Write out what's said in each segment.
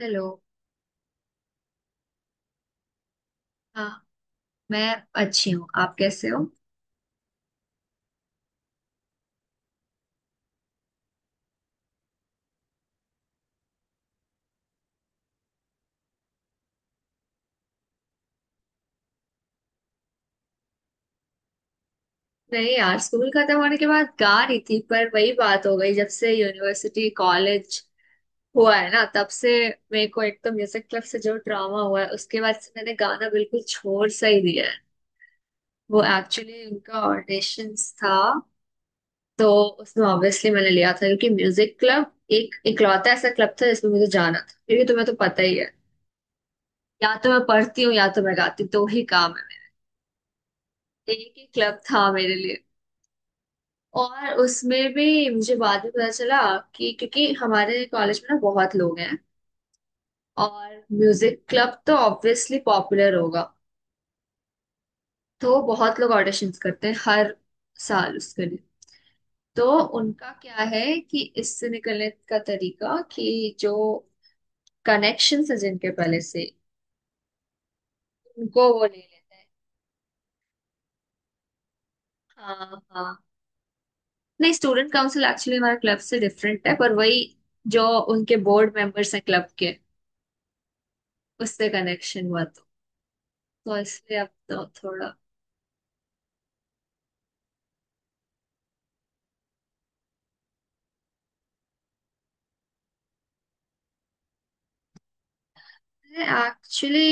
Hello. हाँ। मैं अच्छी हूँ, आप कैसे हो? नहीं यार, स्कूल खत्म होने के बाद गा रही थी पर वही बात हो गई। जब से यूनिवर्सिटी कॉलेज हुआ है ना, तब से मेरे को, एक तो म्यूजिक क्लब से जो ड्रामा हुआ है उसके बाद से मैंने गाना बिल्कुल छोड़ सा ही दिया है। वो एक्चुअली उनका ऑडिशंस था तो उसमें ऑब्वियसली मैंने लिया था, क्योंकि म्यूजिक क्लब एक इकलौता ऐसा क्लब था जिसमें मुझे जाना था। क्योंकि तुम्हें तो पता ही है, या तो मैं पढ़ती हूँ या तो मैं गाती हूँ, दो ही काम है मेरे। एक ही क्लब था मेरे लिए। और उसमें भी मुझे बाद में पता चला कि, क्योंकि हमारे कॉलेज में ना बहुत लोग हैं, और म्यूजिक क्लब तो ऑब्वियसली पॉपुलर होगा, तो बहुत लोग ऑडिशंस करते हैं हर साल उसके लिए। तो उनका क्या है कि इससे निकलने का तरीका, कि जो कनेक्शंस है जिनके पहले से, उनको वो ले लेते हैं। हाँ हाँ। नहीं, स्टूडेंट काउंसिल एक्चुअली हमारे क्लब से डिफरेंट है, पर वही जो उनके बोर्ड मेंबर्स हैं क्लब के, उससे कनेक्शन हुआ था। तो इसलिए अब तो थोड़ा। एक्चुअली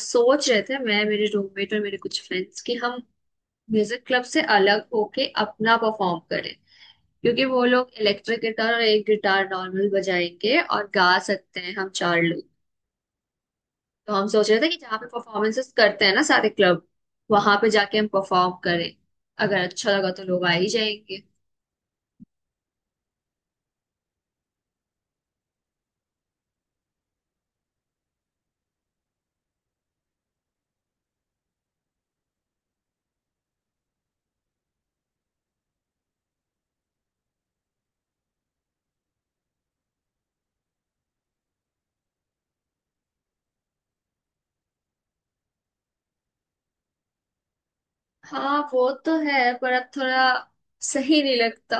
सोच रहे थे मैं, मेरे रूममेट और मेरे कुछ फ्रेंड्स, कि हम म्यूजिक क्लब से अलग होके अपना परफॉर्म करें। क्योंकि वो लोग इलेक्ट्रिक गिटार और एक गिटार नॉर्मल बजाएंगे, और गा सकते हैं हम चार लोग। तो हम सोच रहे थे कि जहाँ पे परफॉर्मेंसेस करते हैं ना सारे क्लब, वहां पे जाके हम परफॉर्म करें। अगर अच्छा लगा तो लोग आ ही जाएंगे। हाँ वो तो है, पर अब थोड़ा सही नहीं लगता।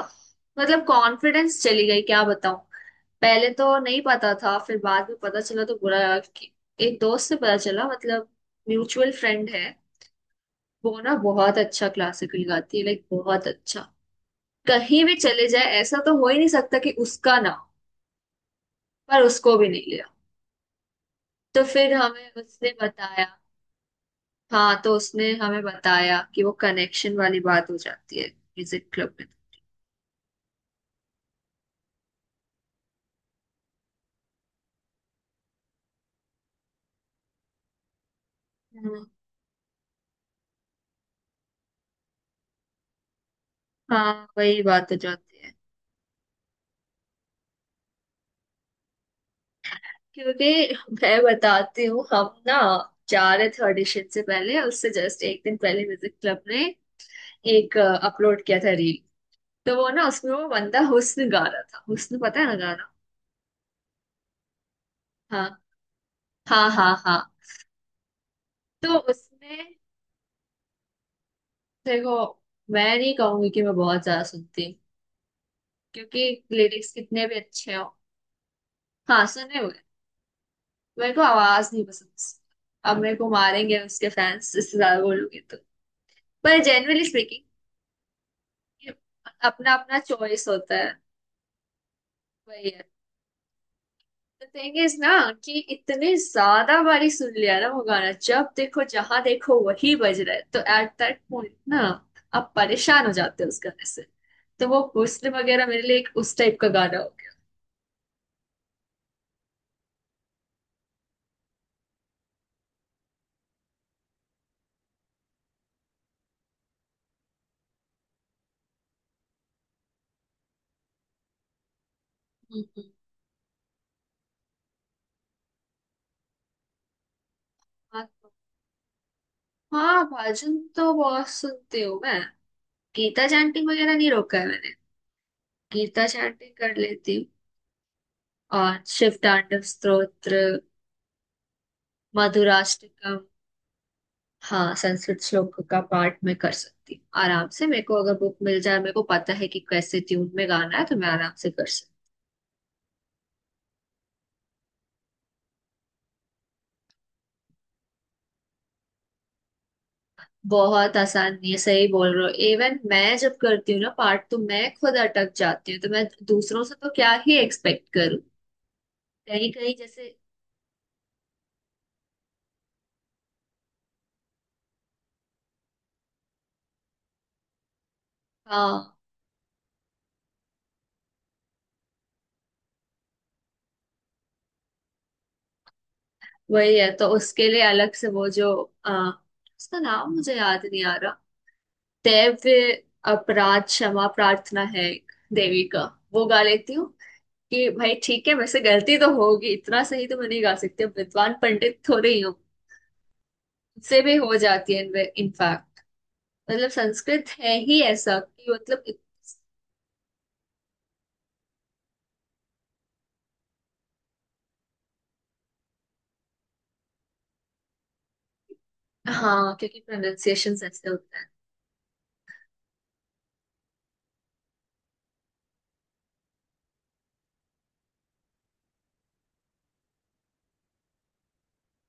मतलब कॉन्फिडेंस चली गई, क्या बताऊं। पहले तो नहीं पता था, फिर बाद में पता चला तो बुरा लगा कि, एक दोस्त से पता चला, मतलब म्यूचुअल फ्रेंड है। वो ना बहुत अच्छा क्लासिकल गाती है, लाइक बहुत अच्छा। कहीं भी चले जाए ऐसा तो हो ही नहीं सकता कि उसका ना हो, पर उसको भी नहीं लिया। तो फिर हमें उसने बताया। हाँ, तो उसने हमें बताया कि वो कनेक्शन वाली बात हो जाती है म्यूजिक क्लब में। हम्म। हाँ वही बात हो जाती है। क्योंकि मैं बताती हूँ, हम ना जा रहे थे ऑडिशन से पहले, उससे जस्ट एक दिन पहले म्यूजिक क्लब ने एक अपलोड किया था रील। तो वो ना, उसमें वो बंदा हुस्न गा रहा था। हुस्न पता है ना गाना? हाँ हाँ हाँ। हाँ तो उसमें देखो, मैं नहीं कहूंगी कि मैं बहुत ज्यादा सुनती हूँ, क्योंकि लिरिक्स कितने भी अच्छे हो। हाँ, सुने हुए। मेरे को आवाज नहीं पसंद। अब मेरे को मारेंगे उसके फैंस, इससे ज्यादा बोलूंगी तो। पर जेनरली स्पीकिंग, ये अपना अपना चॉइस होता है। वही है। द थिंग इज ना, कि इतने ज्यादा बारी सुन लिया ना वो गाना, जब देखो जहां देखो वही बज रहा है, तो एट दैट पॉइंट ना आप परेशान हो जाते हो उस गाने से। तो वो हुस्न वगैरह मेरे लिए एक उस टाइप का गाना हो गया। हम्म। हाँ। हाँ, भजन तो बहुत सुनती हूँ मैं। गीता चैंटिंग वगैरह नहीं रोका है मैंने, गीता चैंटिंग कर लेती हूँ। और शिव तांडव स्तोत्र, मधुराष्टकम। हाँ, संस्कृत श्लोक का पाठ मैं कर सकती हूँ आराम से। मेरे को अगर बुक मिल जाए, मेरे को पता है कि कैसे ट्यून में गाना है, तो मैं आराम से कर सकती हूँ। बहुत आसान नहीं है, सही बोल रहे हो। इवन मैं जब करती हूँ ना पाठ, तो मैं खुद अटक जाती हूँ, तो मैं दूसरों से तो क्या ही एक्सपेक्ट करूँ। कहीं कहीं जैसे, हाँ, वही है। तो उसके लिए अलग से वो जो, आ, उसका नाम मुझे याद नहीं आ रहा। दैव्य अपराध क्षमा प्रार्थना है एक देवी का, वो गा लेती हूँ। कि भाई ठीक है, वैसे गलती तो होगी, इतना सही तो मैं नहीं गा सकती, अब विद्वान पंडित थोड़े ही हूँ। मुझसे भी हो जाती है इनफैक्ट। मतलब संस्कृत है ही ऐसा कि मतलब हाँ, क्योंकि प्रोनाउंसिएशन ऐसे होते हैं।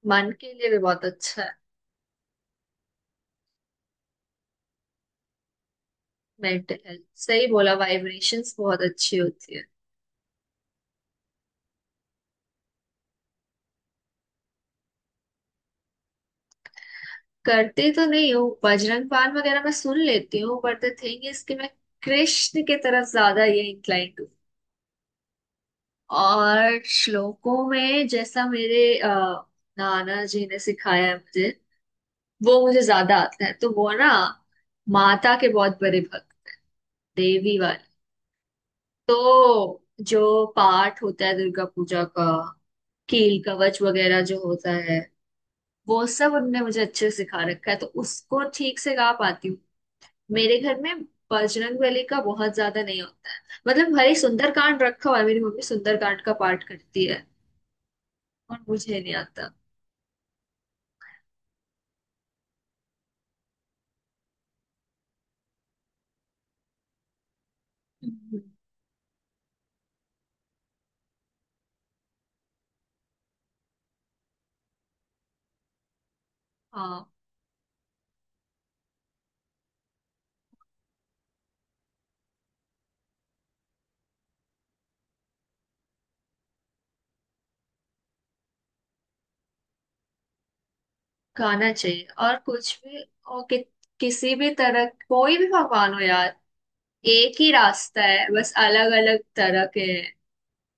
मन के लिए भी बहुत अच्छा है। मेंटल हेल्थ, सही बोला। वाइब्रेशंस बहुत अच्छी होती है। करती तो नहीं हूँ, बजरंग बाण वगैरह मैं सुन लेती हूँ। बट द थिंग इज कि मैं कृष्ण की तरफ ज्यादा ये इंक्लाइंड। और श्लोकों में जैसा मेरे नाना जी ने सिखाया है मुझे, वो मुझे ज्यादा आता है। तो वो ना माता के बहुत बड़े भक्त, देवी वाले। तो जो पाठ होता है दुर्गा पूजा का, कील कवच वगैरह जो होता है, वो सब उनने मुझे अच्छे से सिखा रखा है, तो उसको ठीक से गा पाती हूँ। मेरे घर में बजरंग बली का बहुत ज्यादा नहीं होता है। मतलब भाई सुंदरकांड रखा हुआ है, मेरी मम्मी सुंदरकांड का पाठ करती है, और मुझे नहीं आता। हम्म। हाँ, गाना चाहिए और कुछ भी, और कि, किसी भी तरह, कोई भी भगवान हो यार, एक ही रास्ता है, बस अलग अलग तरह के हैं।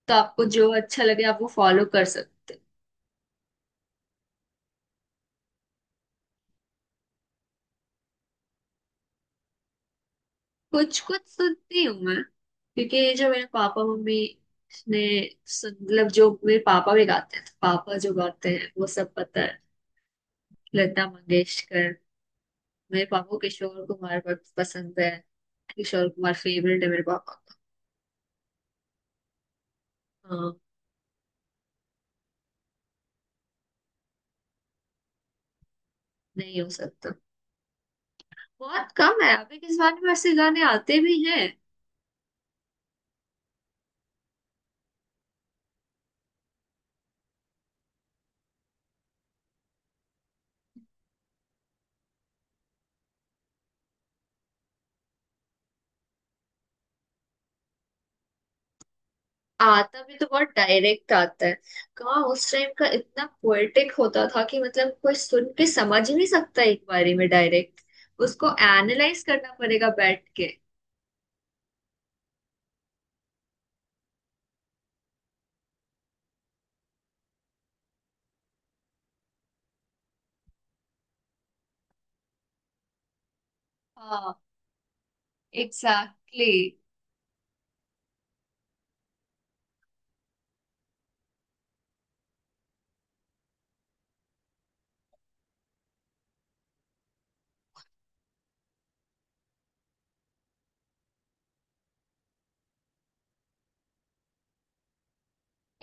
तो आपको जो अच्छा लगे आप वो फॉलो कर सकते हो। कुछ कुछ सुनती हूँ मैं, क्योंकि ये जो मेरे पापा मम्मी ने सुन, मतलब जो मेरे पापा भी गाते हैं, तो पापा जो गाते हैं वो सब पता है। लता मंगेशकर। मेरे पापा को किशोर कुमार बहुत पसंद है, किशोर कुमार फेवरेट है मेरे पापा का। हाँ, नहीं हो सकता। बहुत कम है अभी के जमाने में ऐसे गाने आते भी हैं। आता भी तो बहुत डायरेक्ट आता है। कहाँ उस टाइम का इतना पोएटिक होता था कि मतलब कोई सुन के समझ ही नहीं सकता एक बारी में डायरेक्ट, उसको एनालाइज करना पड़ेगा बैठ के। हाँ, एग्जैक्टली।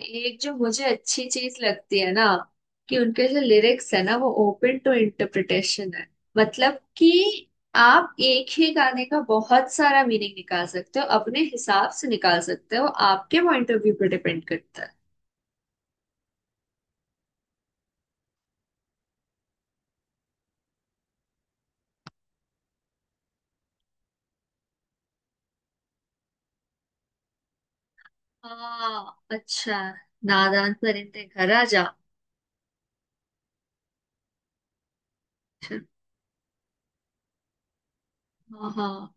एक जो मुझे अच्छी चीज लगती है ना, कि उनके जो लिरिक्स है ना वो ओपन टू इंटरप्रिटेशन है, मतलब कि आप एक ही गाने का बहुत सारा मीनिंग निकाल सकते हो, अपने हिसाब से निकाल सकते हो, आपके पॉइंट ऑफ व्यू पर डिपेंड करता है। हाँ, अच्छा। नादान परिंदे घर आ जा। हाँ हाँ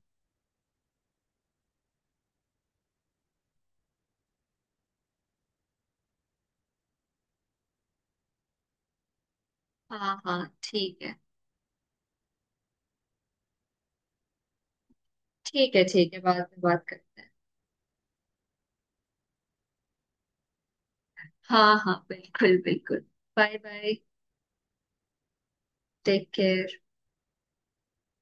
हाँ। हाँ ठीक है, ठीक है। ठीक है, बाद में बात करते हैं। हाँ हाँ, बिल्कुल बिल्कुल। Bye bye. Take care.